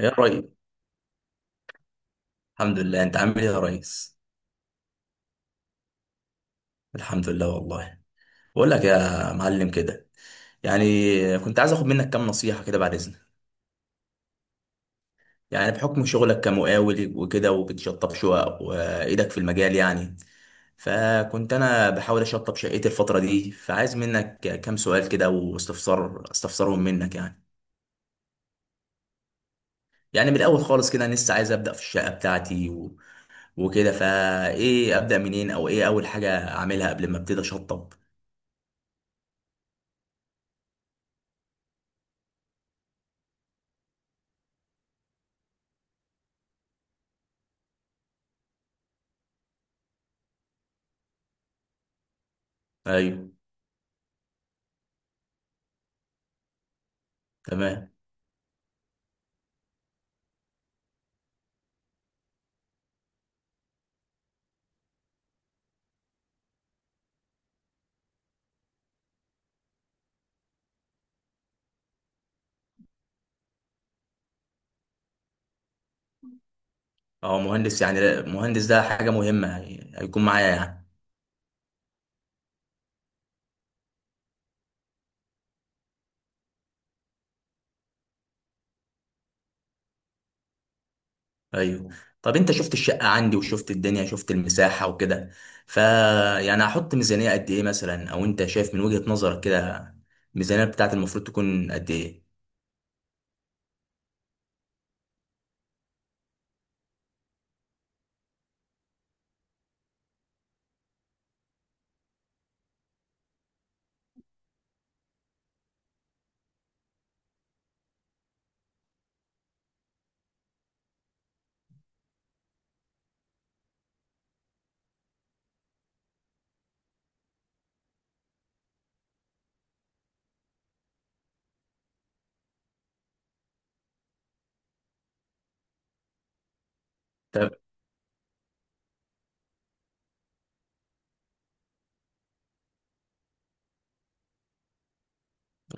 يا ريس. الحمد لله، انت عامل ايه يا ريس؟ الحمد لله والله. بقول لك يا معلم كده، يعني كنت عايز اخد منك كام نصيحة كده بعد اذنك. يعني بحكم شغلك كمقاول وكده، وبتشطب شقق وايدك في المجال يعني. فكنت انا بحاول اشطب شقتي الفترة دي، فعايز منك كام سؤال كده واستفسار استفسرهم منك يعني. يعني من الاول خالص كده، انا لسه عايز ابدا في الشقة بتاعتي و... وكده، فايه؟ ابدا منين او ايه اول حاجة اعملها قبل ما ابتدي اشطب؟ ايوه. تمام. اه، مهندس يعني مهندس ده حاجة مهمة يعني هيكون معايا يعني؟ ايوه. طب انت شفت الشقة عندي وشفت الدنيا، شفت المساحة وكده، ف يعني هحط ميزانية قد ايه مثلا، او انت شايف من وجهة نظرك كده الميزانية بتاعت المفروض تكون قد ايه؟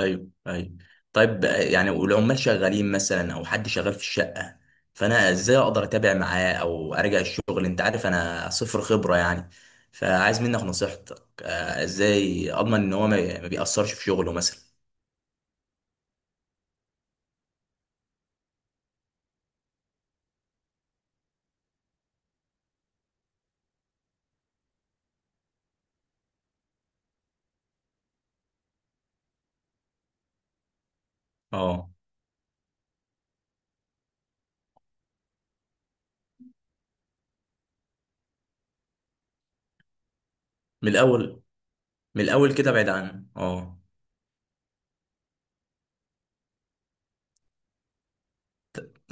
ايوه، ايوه. طيب يعني والعمال شغالين مثلا او حد شغال في الشقه، فانا ازاي اقدر اتابع معاه او ارجع الشغل؟ انت عارف انا صفر خبره يعني، فعايز منك نصيحتك. ازاي اضمن ان هو ما بيأثرش في شغله مثلا؟ اه. من الاول. من الاول كده بعيد عنه، اه.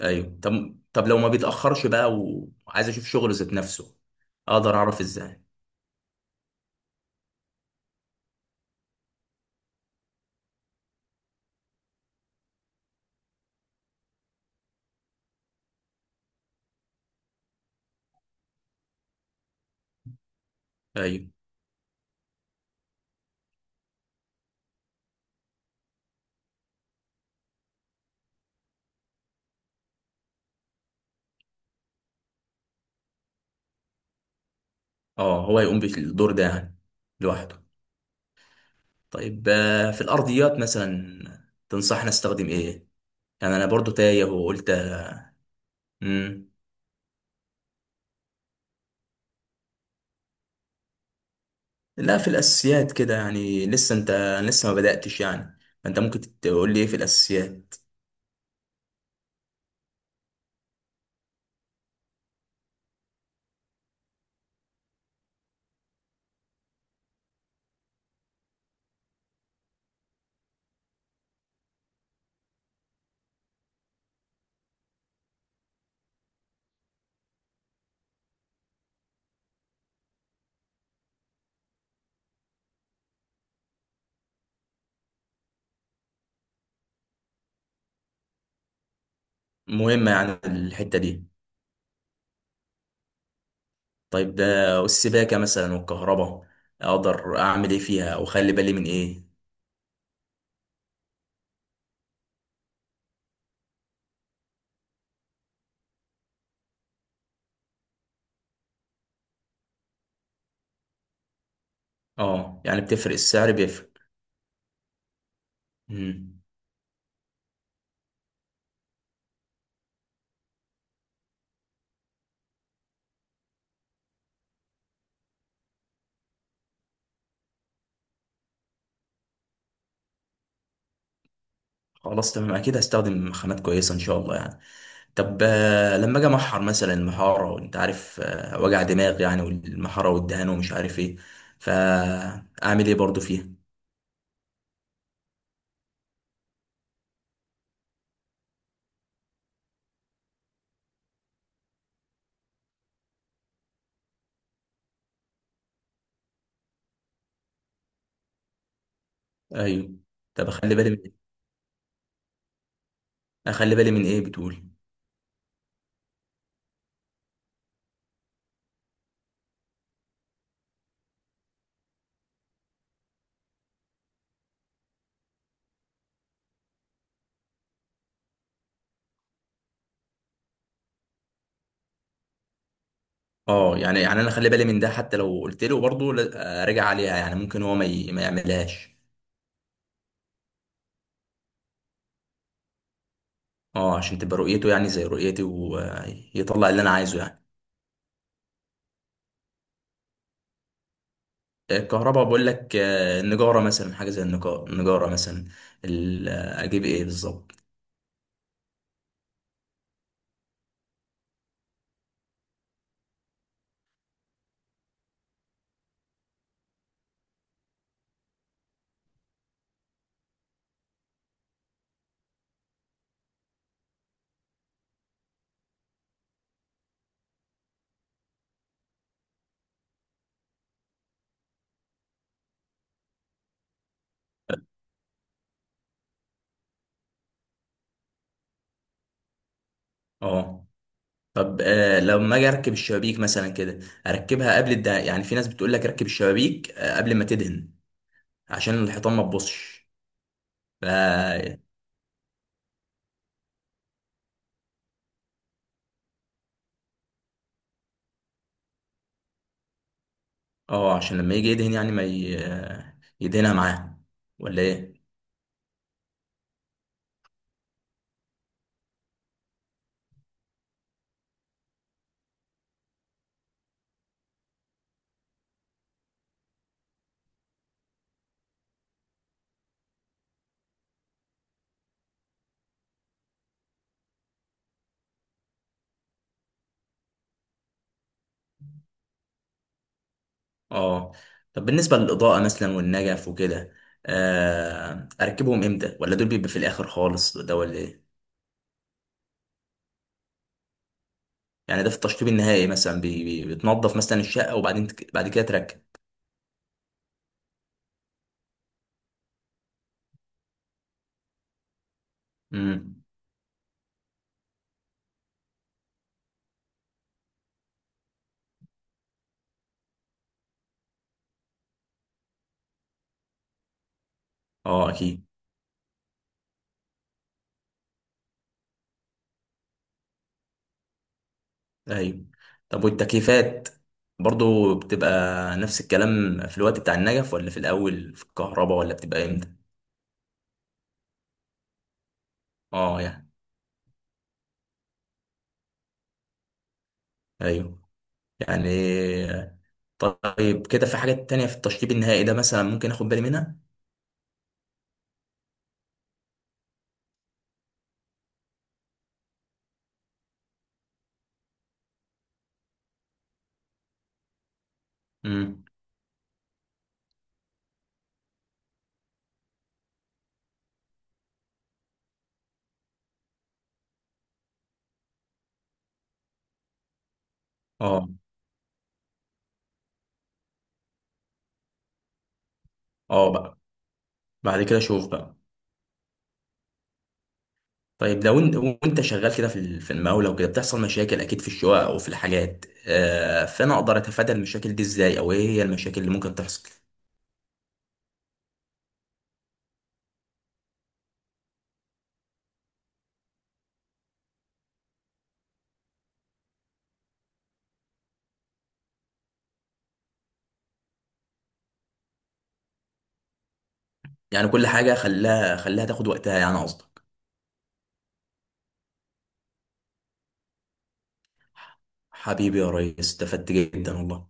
ايوه. طب طب لو ما بيتأخرش بقى وعايز اشوف شغله ذات نفسه، اقدر اعرف ازاي؟ ايوه. اه، هو يقوم بالدور ده يعني لوحده. طيب في الارضيات مثلا تنصحنا استخدم ايه؟ يعني انا برضو تايه وقلت. امم. لا، في الاساسيات كده يعني، لسه انت، لسه ما بداتش يعني، فانت ممكن تقول لي ايه في الاساسيات. مهمه يعني الحته دي؟ طيب ده. والسباكه مثلا والكهرباء، اقدر اعمل ايه فيها او اخلي بالي من ايه؟ اه يعني بتفرق؟ السعر بيفرق؟ امم. خلاص تمام، اكيد هستخدم خامات كويسه ان شاء الله يعني. طب لما اجي محر مثلا المحاره، وانت عارف وجع دماغ يعني، والمحاره والدهان ومش عارف ايه، فاعمل ايه برضو فيها؟ ايوه. طب اخلي بالي من إيه؟ اخلي بالي من ايه بتقول؟ اه، يعني يعني انا اخلي بالي من ده حتى لو قلت له برضه راجع عليها، يعني ممكن هو ما يعملهاش. اه، عشان تبقى رؤيته يعني زي رؤيتي، ويطلع اللي انا عايزه يعني. الكهرباء، بقول لك النجاره مثلا، حاجه زي النجاره مثلا، اجيب ايه بالظبط؟ اه. طب آه، لما اجي اركب الشبابيك مثلا كده، يعني في ناس بتقول لك ركب الشبابيك آه قبل ما تدهن، عشان الحيطان ما تبصش. ف اه، عشان لما يجي يدهن يعني ما ي... آه، يدهنها معاه، ولا ايه؟ اه. طب بالنسبة للإضاءة مثلا والنجف وكده، آه، اركبهم امتى؟ ولا دول بيبقى في الاخر خالص ده، ولا ايه؟ يعني ده في التشطيب النهائي مثلا، بتنظف مثلا الشقة وبعدين بعد كده تركب. امم. اه اكيد. ايوه. طب والتكييفات برضو بتبقى نفس الكلام في الوقت بتاع النجف، ولا في الاول في الكهرباء، ولا بتبقى امتى؟ اه يعني. ايوه يعني. طيب كده في حاجات تانية في التشطيب النهائي ده مثلا ممكن اخد بالي منها؟ امم. اه. اه بقى. بعد كده شوف بقى. طيب لو انت وانت شغال كده في المقاولة وكده، بتحصل مشاكل اكيد في الشقق او في الحاجات، آه، فانا اقدر اتفادى المشاكل دي ازاي؟ او ايه هي المشاكل اللي ممكن تحصل؟ يعني كل حاجة خلاها تاخد وقتها يعني قصدي. حبيبي يا ريس، استفدت جدا والله.